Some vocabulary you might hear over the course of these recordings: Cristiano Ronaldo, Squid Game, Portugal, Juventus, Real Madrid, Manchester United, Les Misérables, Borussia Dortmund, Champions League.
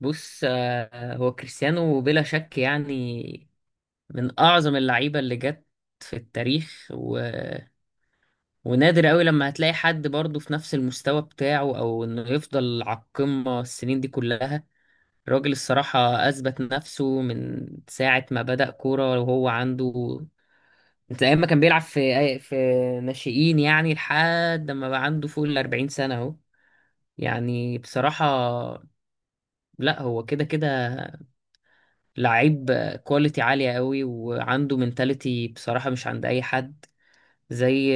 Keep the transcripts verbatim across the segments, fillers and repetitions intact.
بص، آه، هو كريستيانو بلا شك، يعني من أعظم اللعيبة اللي جت في التاريخ و... ونادر قوي لما هتلاقي حد برضه في نفس المستوى بتاعه، أو إنه يفضل على القمة السنين دي كلها. الراجل الصراحة أثبت نفسه من ساعة ما بدأ كورة وهو عنده، من أيام ما كان بيلعب في في ناشئين، يعني لحد ما بقى عنده فوق الأربعين سنة أهو. يعني بصراحة، لا هو كده كده لعيب كواليتي عالية قوي، وعنده منتاليتي بصراحة مش عند أي حد. زي،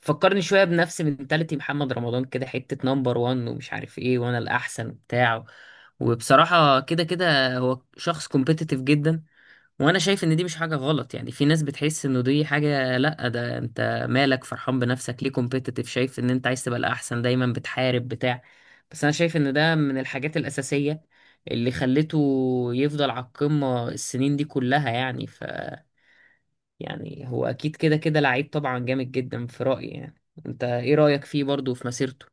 فكرني شوية بنفس منتاليتي محمد رمضان كده، حتة نمبر وان ومش عارف ايه وأنا الأحسن وبتاع. وبصراحة كده كده هو شخص كومبيتيتيف جدا، وانا شايف ان دي مش حاجه غلط. يعني في ناس بتحس انه دي حاجه، لا ده انت مالك فرحان بنفسك؟ ليه كومبيتيتيف شايف ان انت عايز تبقى الاحسن دايما بتحارب بتاع. بس انا شايف ان ده من الحاجات الاساسيه اللي خلته يفضل على القمه السنين دي كلها. يعني ف يعني هو اكيد كده كده لعيب طبعا جامد جدا في رايي. يعني انت ايه رايك فيه برضه في مسيرته؟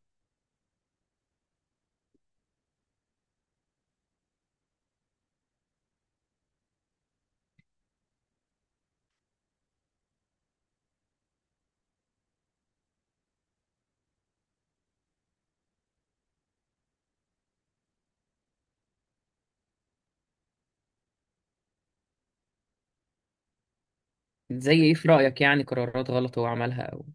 زي ايه في رايك، يعني قرارات غلط هو عملها او؟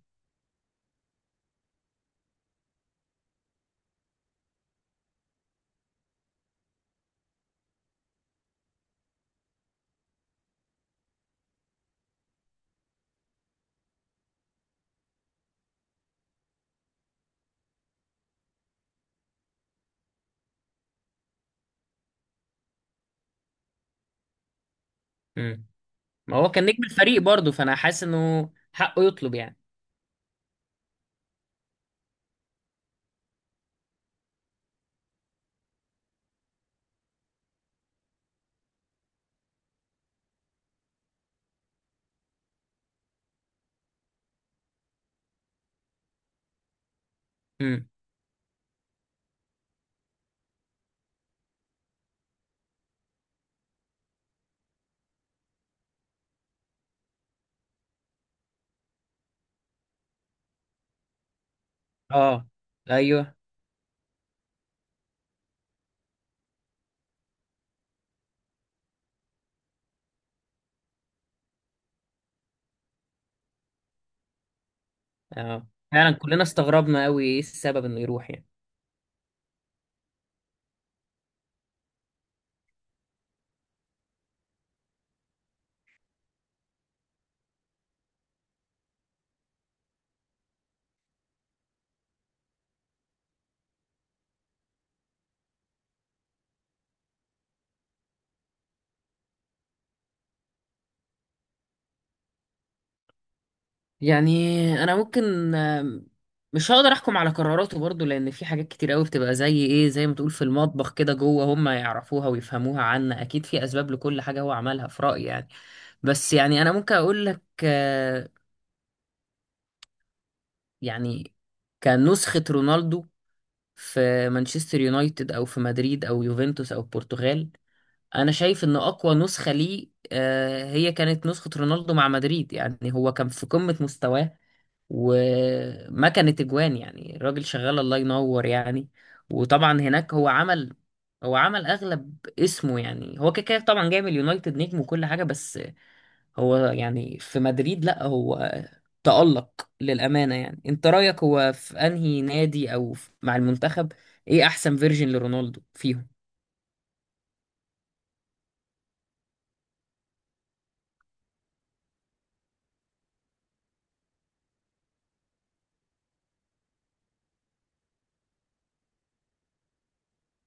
مم. ما هو كان نجم الفريق برضه، فانا حاسس انه حقه يطلب يعني. اه. ايوه. اه، فعلا كلنا استغربنا قوي ايه السبب انه يروح يعني؟ يعني انا ممكن، آم، مش هقدر احكم على قراراته برضو، لان في حاجات كتير قوي بتبقى زي ايه، زي ما تقول في المطبخ كده جوه هم يعرفوها ويفهموها. عنا اكيد في اسباب لكل حاجة هو عملها في رأيي يعني. بس يعني انا ممكن اقول لك، آه، يعني كنسخة رونالدو في مانشستر يونايتد او في مدريد او يوفنتوس او البرتغال، انا شايف ان اقوى نسخة ليه، آه، هي كانت نسخة رونالدو مع مدريد. يعني هو كان في قمة مستواه وما كانت اجوان، يعني الراجل شغال الله ينور يعني. وطبعا هناك هو عمل هو عمل اغلب اسمه. يعني هو كده كده طبعا جاي من اليونايتد نجم وكل حاجة. بس هو يعني في مدريد، لا هو تألق للأمانة. يعني انت رأيك، هو في انهي نادي او في- مع المنتخب، ايه احسن فيرجن لرونالدو فيهم؟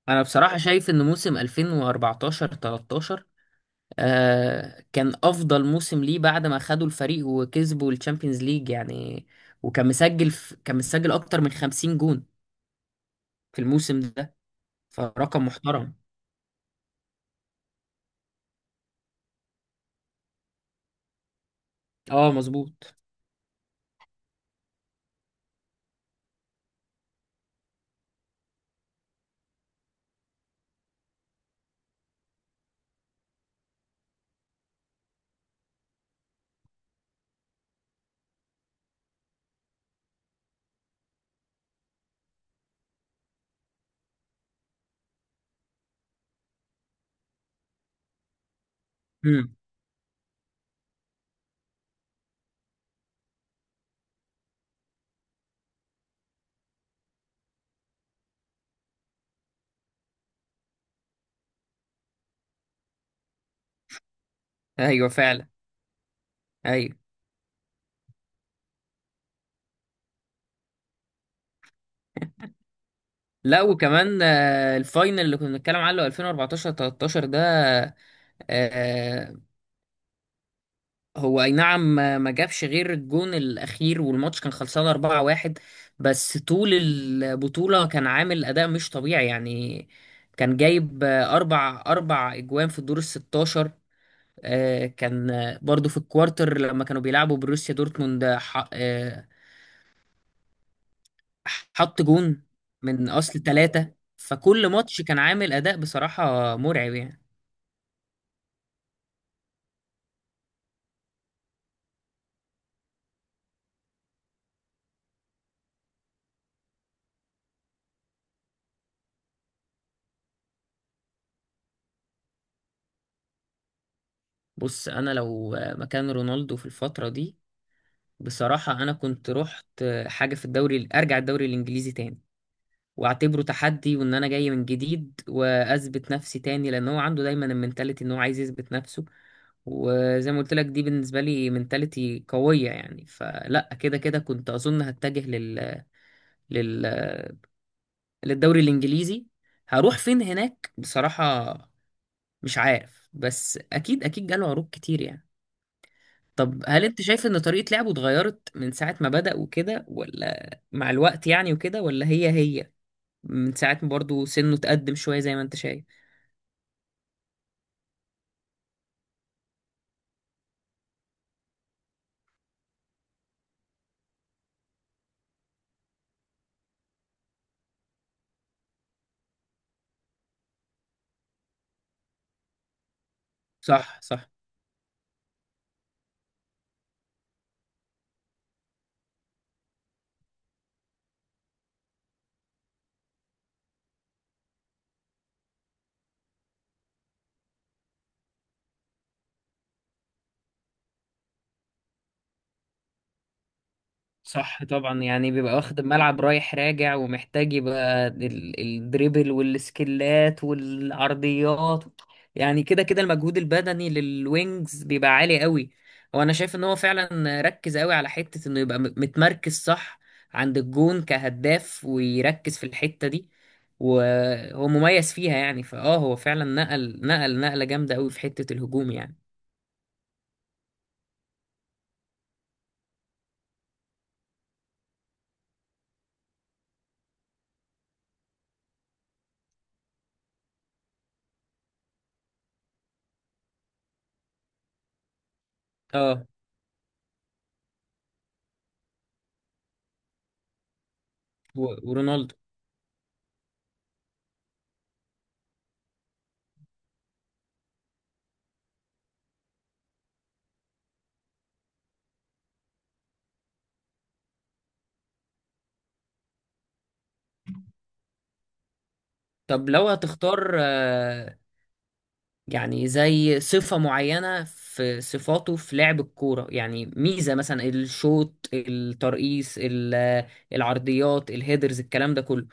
انا بصراحة شايف ان موسم ألفين وأربعتاشر تلتاشر، آه كان افضل موسم ليه بعد ما خدوا الفريق وكسبوا الشامبيونز ليج يعني. وكان مسجل في كان مسجل اكتر من خمسين جون في الموسم ده. فرقم محترم. اه مظبوط. امم. ايوه فعلا. ايوه. لا وكمان آه الفاينل اللي كنا بنتكلم عنه ألفين وأربعتاشر تلتاشر ده، آه هو اي نعم ما ما جابش غير الجون الاخير، والماتش كان خلصان أربعة واحد. بس طول البطولة كان عامل اداء مش طبيعي يعني. كان جايب، آه، اربع اربع اجوان في الدور ال ستاشر. آه، كان، آه، برضو في الكوارتر لما كانوا بيلعبوا بروسيا دورتموند، آه، ح- آه، حط جون من اصل ثلاثة. فكل ماتش كان عامل اداء بصراحة مرعب يعني. بص انا لو، آه، مكان رونالدو في الفترة دي، بصراحة أنا كنت رحت حاجة في الدوري. أرجع الدوري الإنجليزي تاني وأعتبره تحدي، وإن أنا جاي من جديد وأثبت نفسي تاني، لأن هو عنده دايما المنتاليتي إن هو عايز يثبت نفسه. وزي ما قلت لك دي بالنسبة لي منتاليتي قوية يعني. فلا كده كده كنت أظن هتجه لل... لل... للدوري الإنجليزي. هروح فين هناك بصراحة، مش عارف. بس أكيد أكيد جاله عروض كتير يعني. طب هل انت شايف ان طريقة لعبه اتغيرت من ساعة ما بدأ وكده، ولا مع الوقت يعني وكده، ولا هي هي من ساعة ما برضه سنه اتقدم شوية زي ما انت شايف؟ صح، صح. صح طبعا، يعني بيبقى واخد الملعب رايح راجع ومحتاج يبقى ال- الدريبل والسكلات والعرضيات. يعني كده كده المجهود البدني للوينجز بيبقى عالي قوي. وانا شايف ان هو فعلا ركز قوي على حتة انه يبقى م- متمركز صح عند الجون كهداف، ويركز في الحتة دي وهو مميز فيها. يعني فاه هو فعلا نقل نقل نقلة جامدة قوي في حتة الهجوم يعني. اه. و- ورونالدو. طب لو هتختار، آه، يعني زي صفة معينة في صفاته في لعب الكورة، يعني ميزة، مثلا الشوط، الترقيص، ال- العرضيات، الهيدرز، الكلام ده كله،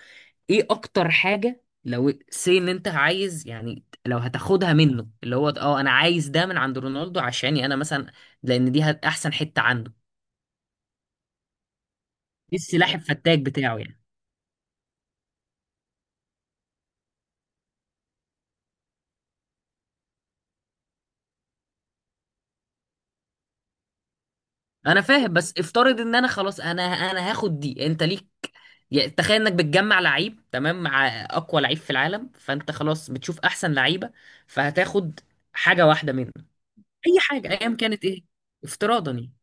ايه اكتر حاجة لو سي ان انت عايز، يعني لو هتاخدها منه، اللي هو اه انا عايز ده من عند رونالدو عشاني انا مثلا، لان دي هت- احسن حتة عنده، ايه السلاح الفتاك بتاعه يعني؟ انا فاهم، بس افترض ان انا خلاص انا انا هاخد دي، انت ليك. يعني تخيل انك بتجمع لعيب تمام مع اقوى لعيب في العالم، فانت خلاص بتشوف احسن لعيبه فهتاخد حاجه واحده منه، اي حاجه ايا كانت ايه؟ افتراضا يعني.